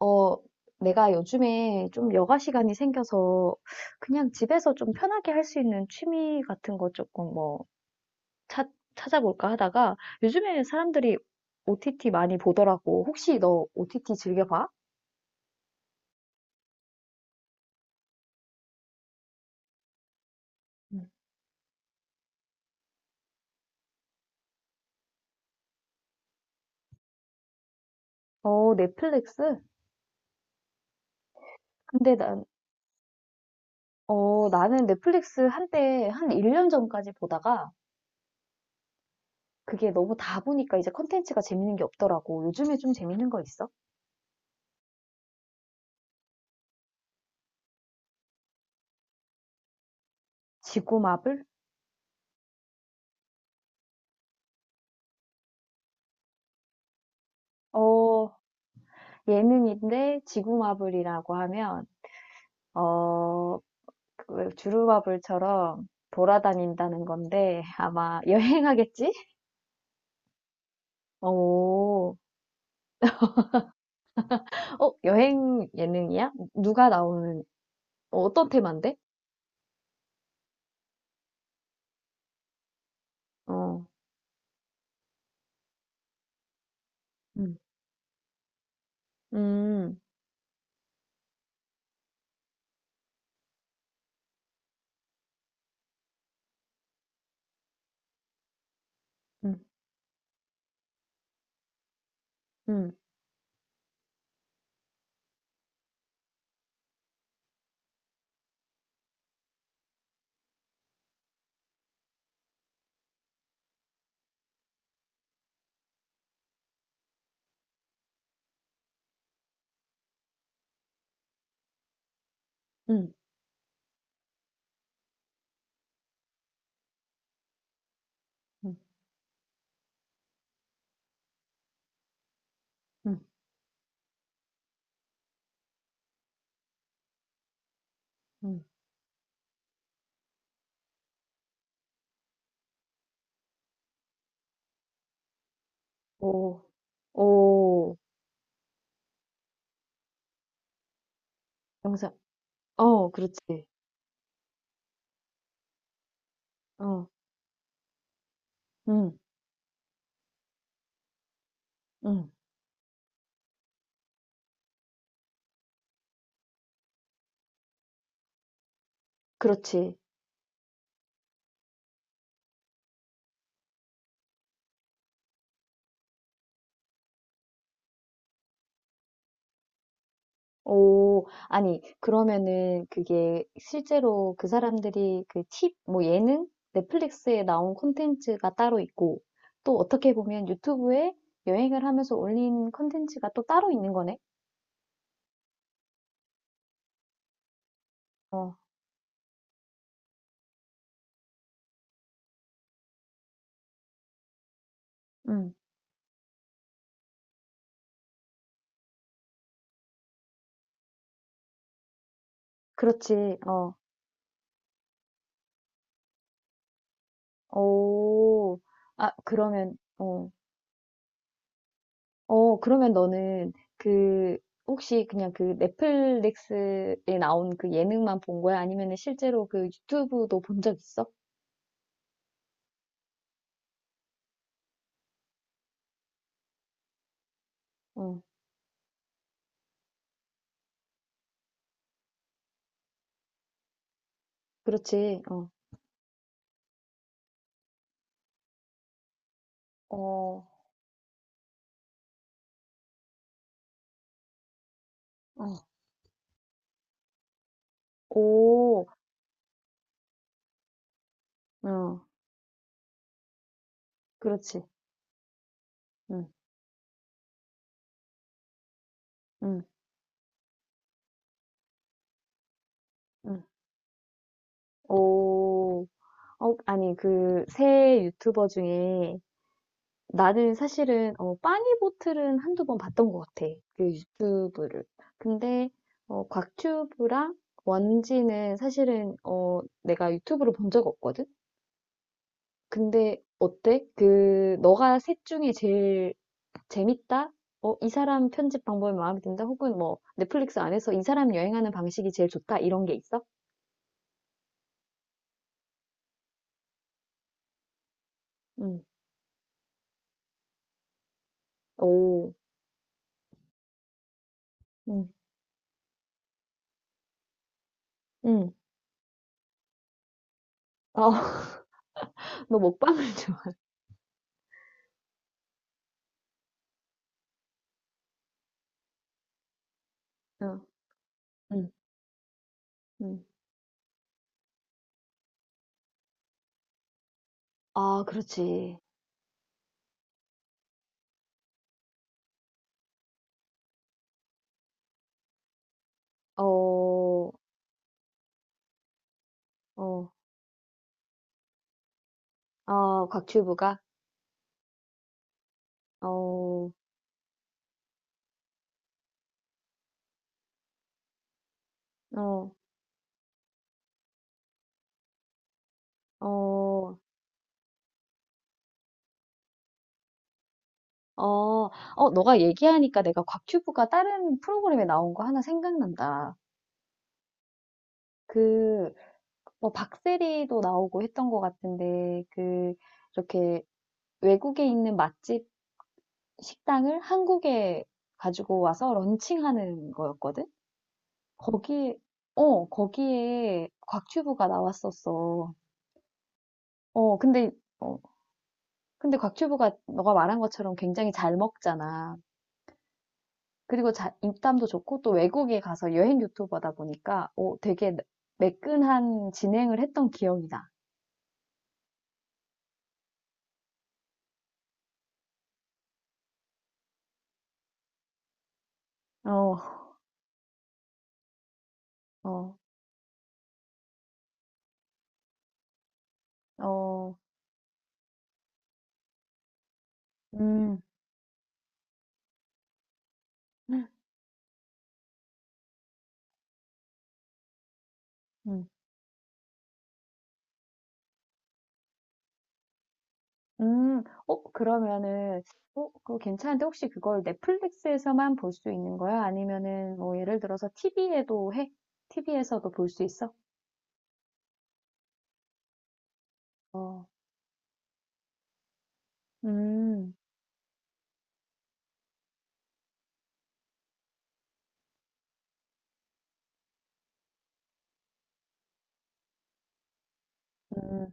어, 내가 요즘에 좀 여가 시간이 생겨서 그냥 집에서 좀 편하게 할 수 있는 취미 같은 거 조금 뭐 찾, 찾아볼까 하다가 요즘에 사람들이 OTT 많이 보더라고. 혹시 너 OTT 즐겨봐? 응. 어, 넷플릭스? 근데 나는 넷플릭스 한때 한 1년 전까지 보다가 그게 너무 다 보니까 이제 컨텐츠가 재밌는 게 없더라고. 요즘에 좀 재밌는 거 있어? 지구마블? 어, 예능인데 지구마블이라고 하면 어, 그 주루마블처럼 돌아다닌다는 건데 아마 여행하겠지? 오, 어, 여행 예능이야? 누가 나오는, 어, 어떤 테마인데? 어, 음, 음, 음, 음, 음, 음, 음, 음. 오, 오, 영상, 어, 그렇지. 어, 음, 음, 그렇지. 오, 아니, 그러면은 그게 실제로 그 사람들이 그 팁, 뭐 예능? 넷플릭스에 나온 콘텐츠가 따로 있고, 또 어떻게 보면 유튜브에 여행을 하면서 올린 콘텐츠가 또 따로 있는 거네? 어, 음, 그렇지, 어, 오, 아, 그러면, 어, 어, 그러면 너는 그, 혹시 그냥 그 넷플릭스에 나온 그 예능만 본 거야? 아니면은 실제로 그 유튜브도 본 적 있어? 어, 그렇지, 어. 어. 어. 오. 어. 그렇지. 응. 응. 응. 오. 어, 아니, 그 새 유튜버 중에 나는 사실은 어 빠니보틀은 한두 번 봤던 것 같아. 그 유튜브를. 근데 어 곽튜브랑 원지는 사실은 어 내가 유튜브로 본 적 없거든. 근데 어때? 그 너가 셋 중에 제일 재밌다? 어, 이 사람 편집 방법이 마음에 든다? 혹은 뭐 넷플릭스 안에서 이 사람 여행하는 방식이 제일 좋다? 이런 게 있어? 응. 오. 응. 응. 어, 너 먹방을 좋아. 어, 응. 응. 아, 그렇지. 어, 어, 아, 곽튜브가? 어, 어, 어, 어, 어, 너가 얘기하니까 내가 곽튜브가 다른 프로그램에 나온 거 하나 생각난다. 그, 뭐 박세리도 나오고 했던 것 같은데 그 이렇게 외국에 있는 맛집 식당을 한국에 가지고 와서 런칭하는 거였거든? 거기에 어 거기에 곽튜브가 나왔었어. 어 근데 어 근데 곽튜브가 너가 말한 것처럼 굉장히 잘 먹잖아. 그리고 입담도 좋고 또 외국에 가서 여행 유튜버다 보니까 어 되게 매끈한 진행을 했던 기억이 나. 어, 어, 어, 음, 음. 음. 어 그러면은 어 그거 괜찮은데 혹시 그걸 넷플릭스에서만 볼 수 있는 거야? 아니면은 뭐 예를 들어서 TV에도 해? TV에서도 볼 수 있어? 어. 음. 음.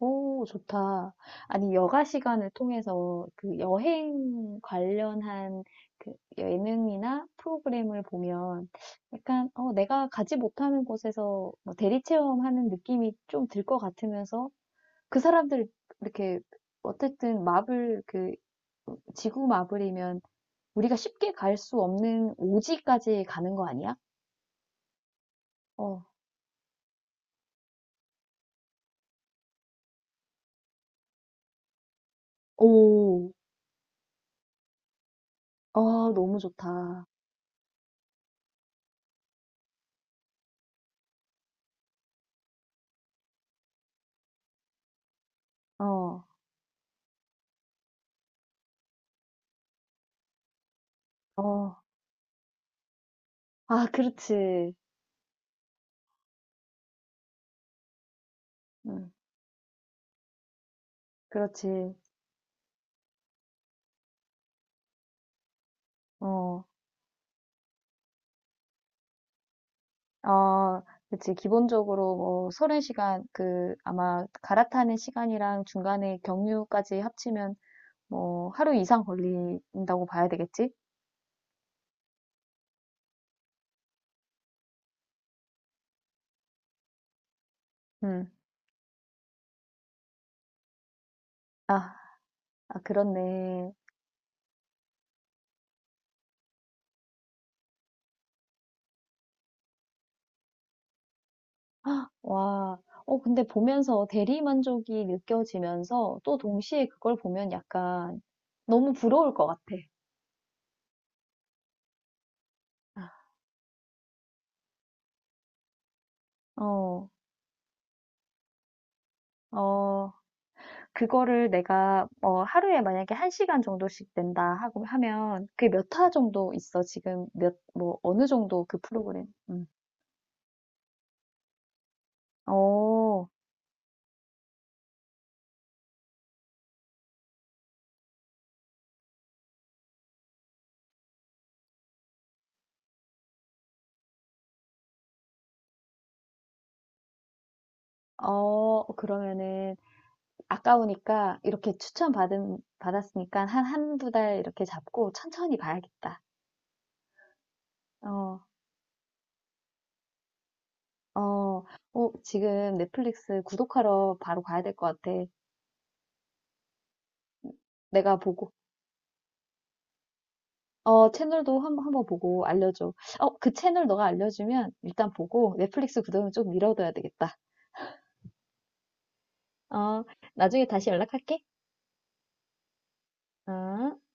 오, 좋다. 아니 여가 시간을 통해서 그 여행 관련한 그 예능이나 프로그램을 보면 약간 어 내가 가지 못하는 곳에서 뭐 대리 체험하는 느낌이 좀 들 것 같으면서 그 사람들 이렇게 어쨌든 마블 그 지구 마블이면 우리가 쉽게 갈 수 없는 오지까지 가는 거 아니야? 어. 오. 아, 너무 좋다. 어. 어. 아, 그렇지. 음, 그렇지. 어. 아, 그렇지. 기본적으로 뭐 30시간 그 아마 갈아타는 시간이랑 중간에 경유까지 합치면 뭐 하루 이상 걸린다고 봐야 되겠지? 음. 아, 아, 그렇네. 와, 어, 근데 보면서 대리 만족이 느껴지면서 또 동시에 그걸 보면 약간 너무 부러울 것 같아. 어, 어, 그거를 내가 어, 하루에 만약에 1시간 정도씩 낸다 하고 하면 그게 몇 화 정도 있어? 지금 몇, 뭐, 어느 정도 그 프로그램? 음. 어, 어, 그러면은 아까우니까 이렇게 추천 받았으니까 한 한두 달 이렇게 잡고 천천히 봐야겠다. 어. 어, 어, 지금 넷플릭스 구독하러 바로 가야 될 것 같아. 내가 보고, 어, 채널도 한번 보고 알려줘. 어, 그 채널 너가 알려주면 일단 보고 넷플릭스 구독은 좀 미뤄둬야 되겠다. 어, 나중에 다시 연락할게. 어.